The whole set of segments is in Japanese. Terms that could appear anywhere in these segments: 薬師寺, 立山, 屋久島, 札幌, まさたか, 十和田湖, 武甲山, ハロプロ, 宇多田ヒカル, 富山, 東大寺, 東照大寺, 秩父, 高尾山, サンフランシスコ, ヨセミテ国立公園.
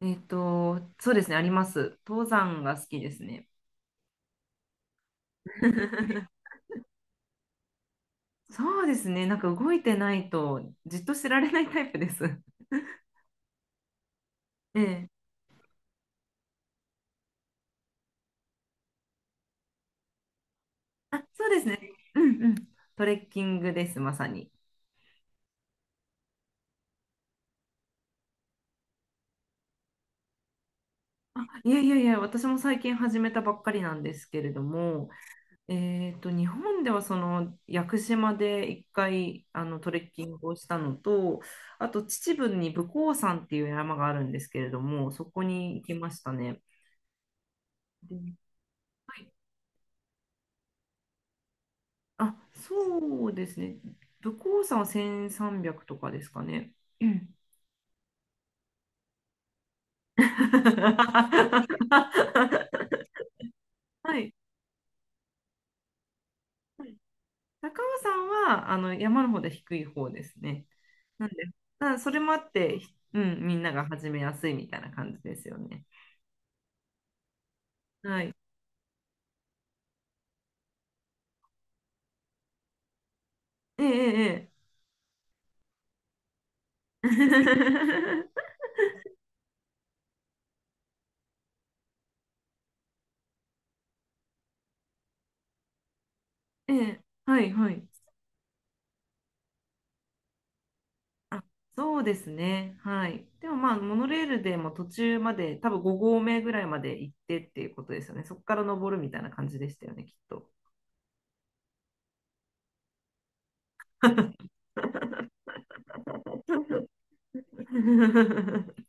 そうですね、あります。登山が好きですね。そうですね、なんか動いてないとじっとしてられないタイプです。ええ。あ、そうですね。うんうん。トレッキングです、まさに。いやいやいや、私も最近始めたばっかりなんですけれども、日本ではその屋久島で一回トレッキングをしたのと、あと秩父に武甲山っていう山があるんですけれども、そこに行きましたね。ではいあ、そうですね。武甲山は1300とかですかね。うん はい。高尾山はあの山の方で低い方ですね。なんで、まあ、それもあって、ひうん、みんなが始めやすいみたいな感じですよね。はい。ええええ。ええ ええはいはい。あ、そうですね。はい。でもまあ、モノレールでも途中まで、多分5合目ぐらいまで行ってっていうことですよね。そこから登るみたいな感じでしたよね、きっと。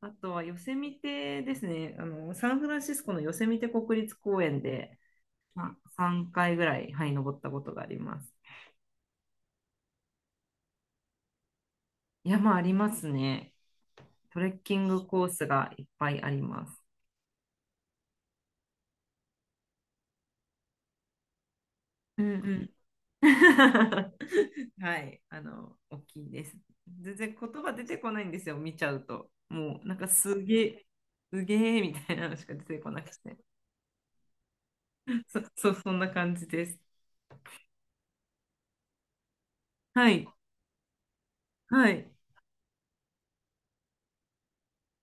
あとはヨセミテですね。あの、サンフランシスコのヨセミテ国立公園で、まあ、3回ぐらい、はい、登ったことがあります。山ありますね。トレッキングコースがいっぱいあります。うんうん はい、あの、大きいです。全然言葉出てこないんですよ、見ちゃうと。もう、なんかすげえ、すげえみたいなのしか出てこなくて。そ、そんな感じです。はい、はい、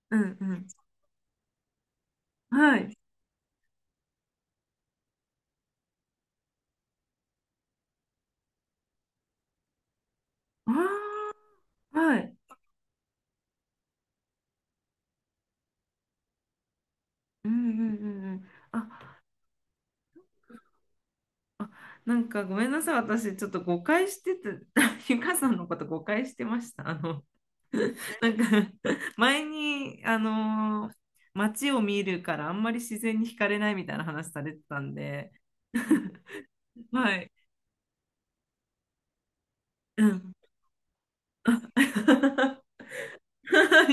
うん、うん、はい。ああ、はい、うん、うん、うん。うんあ、あ、なんかごめんなさい、私、ちょっと誤解してて、ゆかさんのこと誤解してました。あの、なんか 前に、街を見るからあんまり自然に惹かれないみたいな話されてたんで、はい。うん。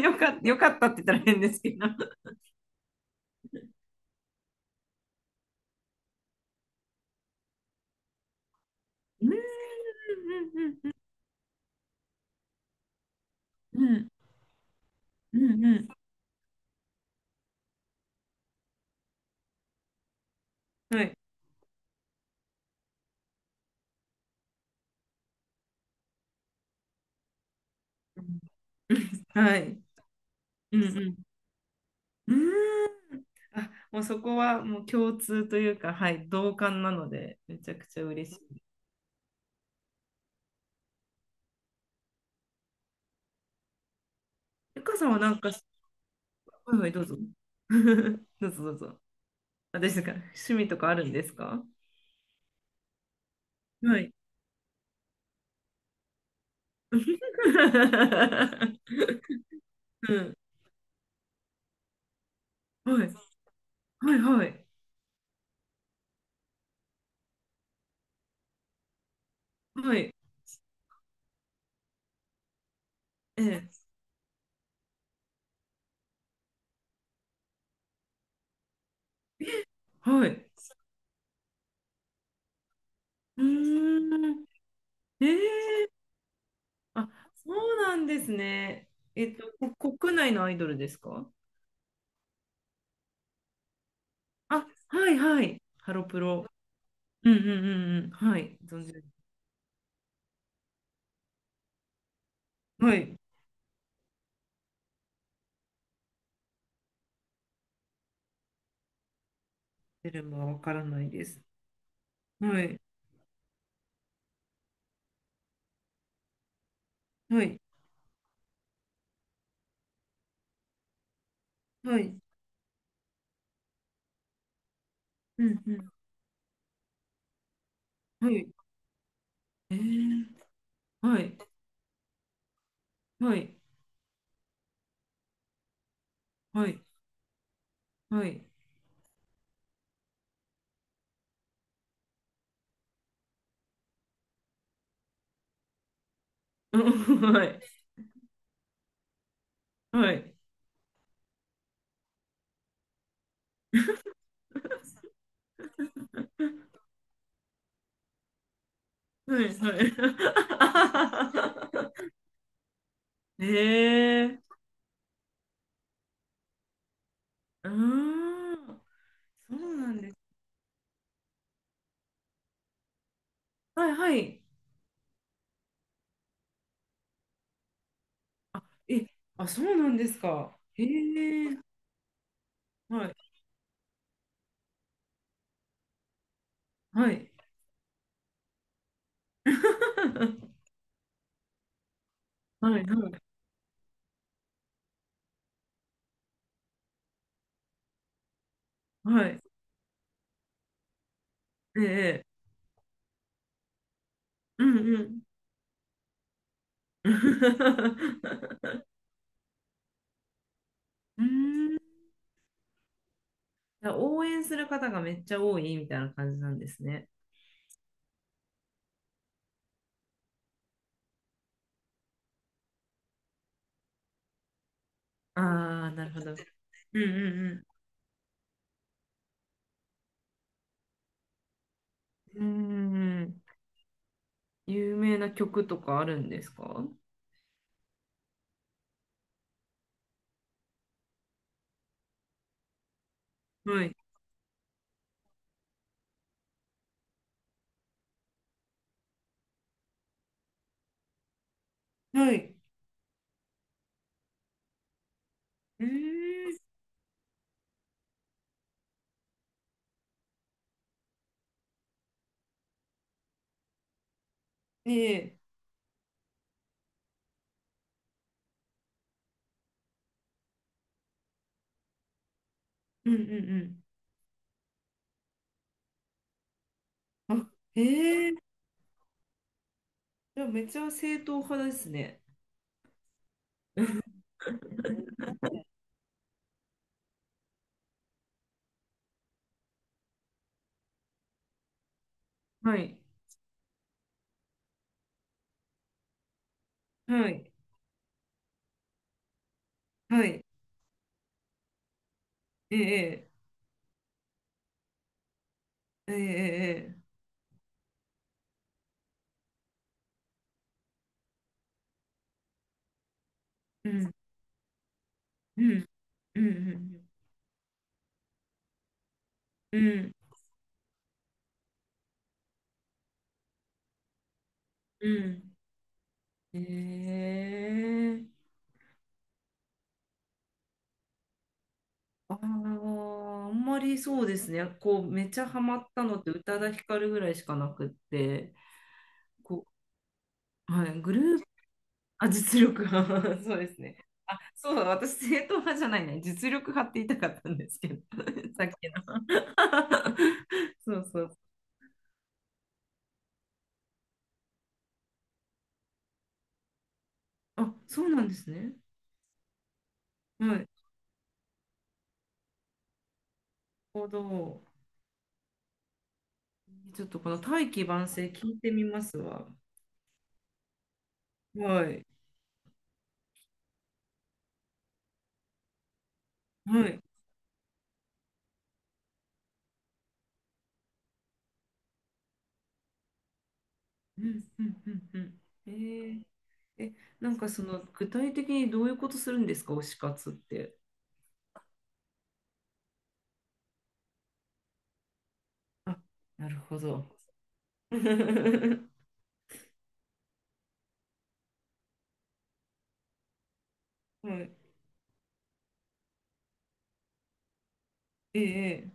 よかったって言ったら変ですけど。うんうんうんうんうんうんうんうんはい。うんはい。うんうんうーんあ、もうそこはもう共通というか、はい、同感なので、めちゃくちゃ嬉しい。ゆかさんはなんか、はいはい、どうぞ。どうぞどうぞ。あ、ですか。趣味とかあるんですか？はい。うん。はい。はいはい。はい。ええ。はい。うーん。ええ。あ、そうなんですね。えっと、こ国内のアイドルですか？あ、はいはい。ハロプロ。うんうんうんうん。はい。存じ上げはい。出るもわからないです。はい。はい。はい。うんうん。はい。ええ。はい。はい。はい。はい。うん はい。はい。はい。はい。ええうーん。そうなんです。はい。はい。あ、え、あ、そうなんですか。ええはい。はい。はい。はい。はい。ええうんうん。うーん。じゃあ応援する方がめっちゃ多いみたいな感じなんですね。ああ、なるほど。うんうんうん。うーん。有名な曲とかあるんですか？はい。はい。うーん。ねえ。うんうんうん。あ、ええじゃあめっちゃ正統派ですね。はい。はい。はい。えええええええうん。うん。うん。うん。うんうんええあああんまりそうですね。こう、めちゃハマったのって宇多田ヒカルぐらいしかなくって、こう、はい、グループ、あ、実力派、そうですね。そうだ、私、正統派じゃないね。実力派って言いたかったんですけど、さっきの。そうそう。あ、そうなんですね。はい。なるほど。ちょっとこの大器晩成聞いてみますわ。はい。はい。うんうんうんうん。えー、え、なんかその具体的にどういうことするんですか、推し活って？あ、なるほど。はい。ええ。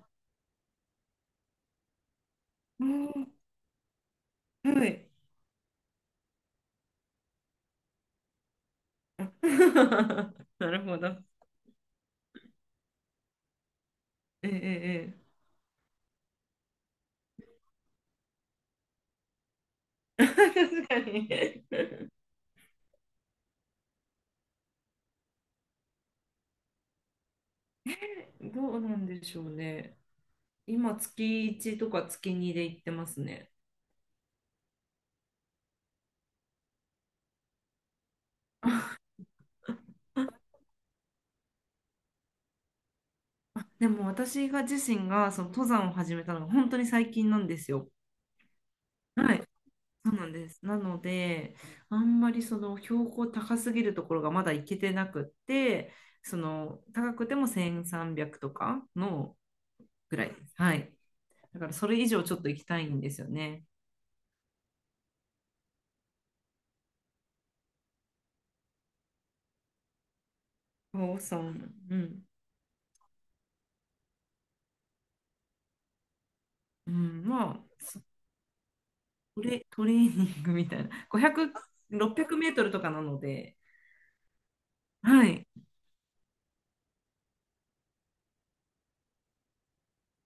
うんはい。なるほど。ええ。ええ 確かに。どうなんでしょうね。今、月1とか月2で行ってますね。でも私が自身がその登山を始めたのが本当に最近なんですよ。はい、そうなんです。なので、あんまりその標高高すぎるところがまだ行けてなくって、その高くても1300とかのぐらいです。はい。だからそれ以上ちょっと行きたいんですよね。おさん、うん。うん、まあ、トレーニングみたいな、500、600メートルとかなので、はい、